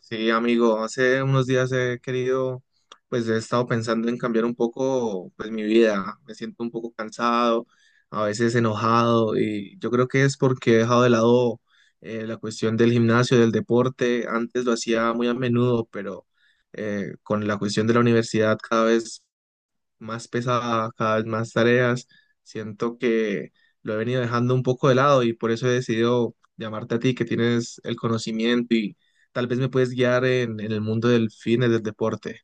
Sí, amigo, hace unos días he querido, pues he estado pensando en cambiar un poco, pues mi vida. Me siento un poco cansado, a veces enojado y yo creo que es porque he dejado de lado la cuestión del gimnasio, del deporte. Antes lo hacía muy a menudo, pero con la cuestión de la universidad cada vez más pesada, cada vez más tareas. Siento que lo he venido dejando un poco de lado y por eso he decidido llamarte a ti, que tienes el conocimiento y tal vez me puedes guiar en el mundo del fitness, del deporte.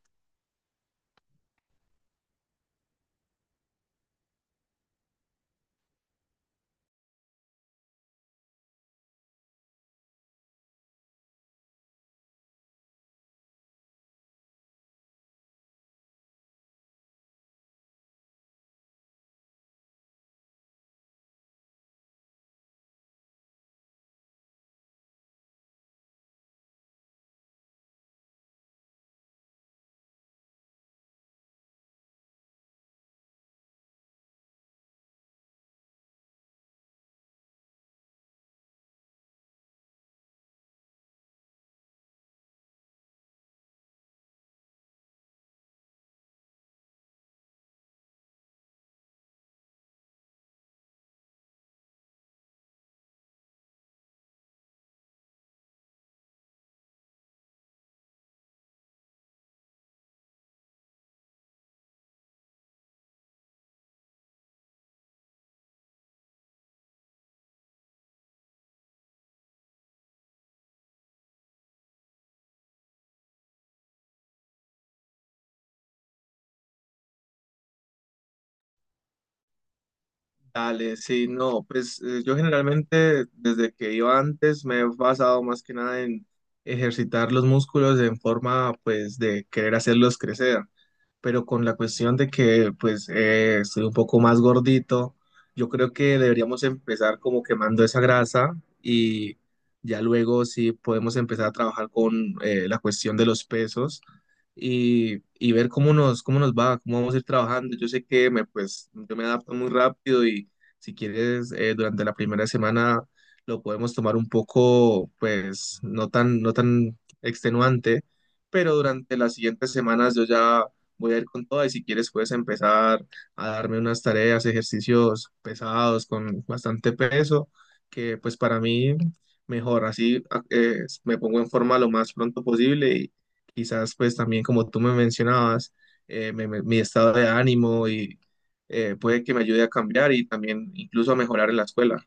Dale, sí, no, pues yo generalmente desde que iba antes me he basado más que nada en ejercitar los músculos en forma pues de querer hacerlos crecer. Pero con la cuestión de que pues estoy un poco más gordito, yo creo que deberíamos empezar como quemando esa grasa y ya luego sí podemos empezar a trabajar con la cuestión de los pesos y ver cómo nos va, cómo vamos a ir trabajando. Yo sé que me, pues, yo me adapto muy rápido y si quieres durante la primera semana lo podemos tomar un poco pues no tan extenuante, pero durante las siguientes semanas yo ya voy a ir con todo y si quieres puedes empezar a darme unas tareas, ejercicios pesados con bastante peso, que pues para mí mejor, me pongo en forma lo más pronto posible y quizás pues también como tú me mencionabas, mi estado de ánimo y puede que me ayude a cambiar y también incluso a mejorar en la escuela.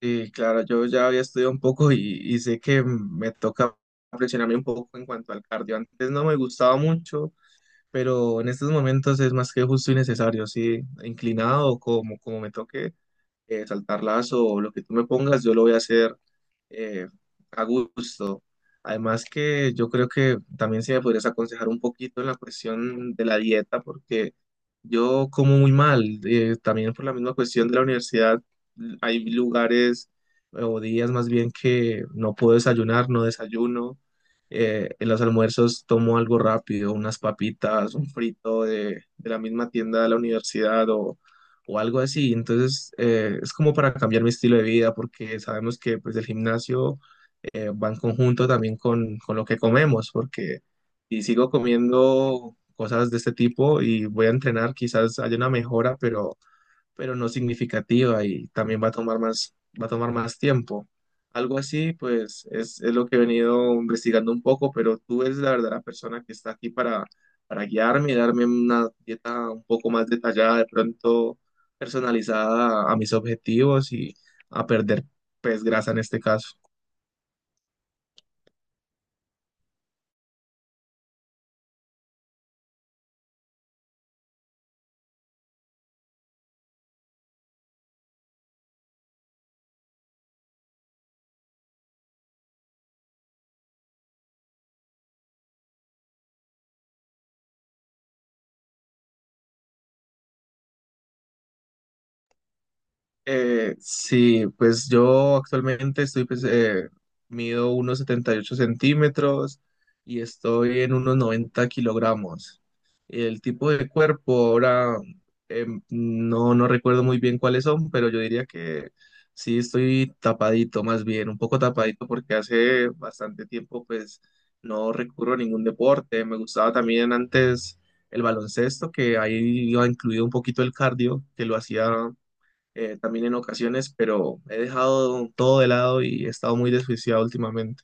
Y claro, yo ya había estudiado un poco y sé que me toca presionarme un poco en cuanto al cardio. Antes no me gustaba mucho, pero en estos momentos es más que justo y necesario, sí, inclinado como me toque saltar lazo o lo que tú me pongas, yo lo voy a hacer eh, a gusto. Además que yo creo que también si me podrías aconsejar un poquito en la cuestión de la dieta, porque yo como muy mal, también por la misma cuestión de la universidad, hay lugares o días más bien que no puedo desayunar, no desayuno. En los almuerzos tomo algo rápido, unas papitas, un frito de la misma tienda de la universidad o algo así. Entonces, es como para cambiar mi estilo de vida, porque sabemos que pues el gimnasio va en conjunto también con lo que comemos, porque si sigo comiendo cosas de este tipo y voy a entrenar, quizás haya una mejora, pero no significativa y también va a tomar más tiempo. Algo así, pues es lo que he venido investigando un poco, pero tú eres la verdadera persona que está aquí para guiarme y darme una dieta un poco más detallada, de pronto personalizada a mis objetivos y a perder, pues, grasa en este caso. Sí, pues yo actualmente estoy, pues, mido unos 78 cm y estoy en unos 90 kg. El tipo de cuerpo ahora no, no recuerdo muy bien cuáles son, pero yo diría que sí estoy tapadito, más bien, un poco tapadito porque hace bastante tiempo pues no recurro a ningún deporte. Me gustaba también antes el baloncesto, que ahí iba incluido un poquito el cardio, que lo hacía también en ocasiones, pero he dejado todo de lado y he estado muy desjuiciado últimamente.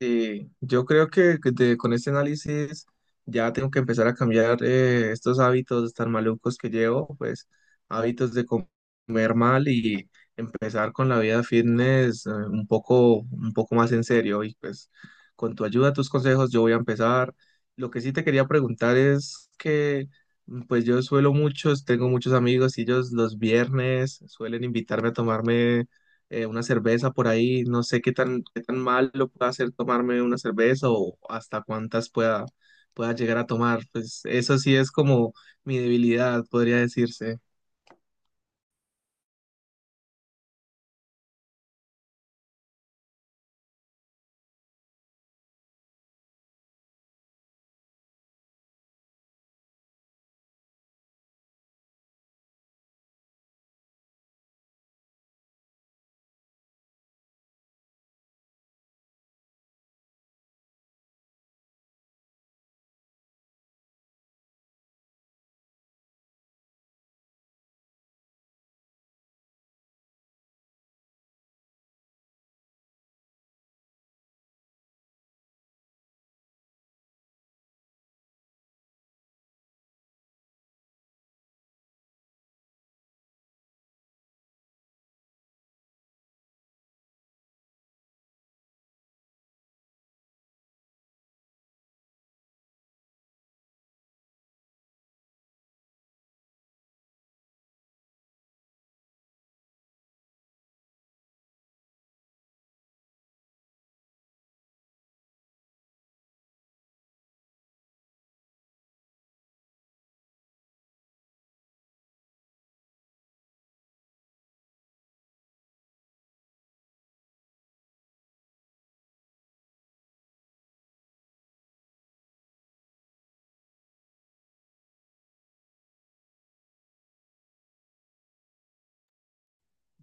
Sí, yo creo que con este análisis ya tengo que empezar a cambiar estos hábitos tan malucos que llevo, pues hábitos de com- comer mal y empezar con la vida fitness un poco más en serio. Y pues con tu ayuda, tus consejos, yo voy a empezar. Lo que sí te quería preguntar es que pues tengo muchos amigos y ellos los viernes suelen invitarme a tomarme una cerveza por ahí, no sé qué tan mal lo pueda hacer tomarme una cerveza o hasta pueda llegar a tomar. Pues eso sí es como mi debilidad, podría decirse.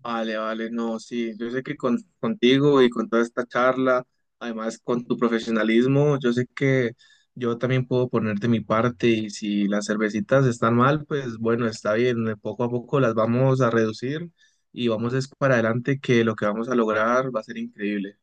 Vale, vale, no, sí, yo sé que contigo y con toda esta charla, además con tu profesionalismo, yo sé que yo también puedo ponerte mi parte y si las cervecitas están mal, pues bueno, está bien, poco a poco las vamos a reducir y vamos es para adelante que lo que vamos a lograr va a ser increíble.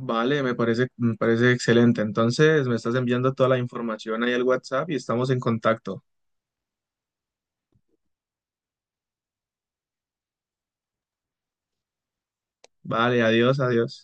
Me parece excelente. Entonces, me estás enviando toda la información ahí al WhatsApp y estamos en contacto. Vale, adiós, adiós.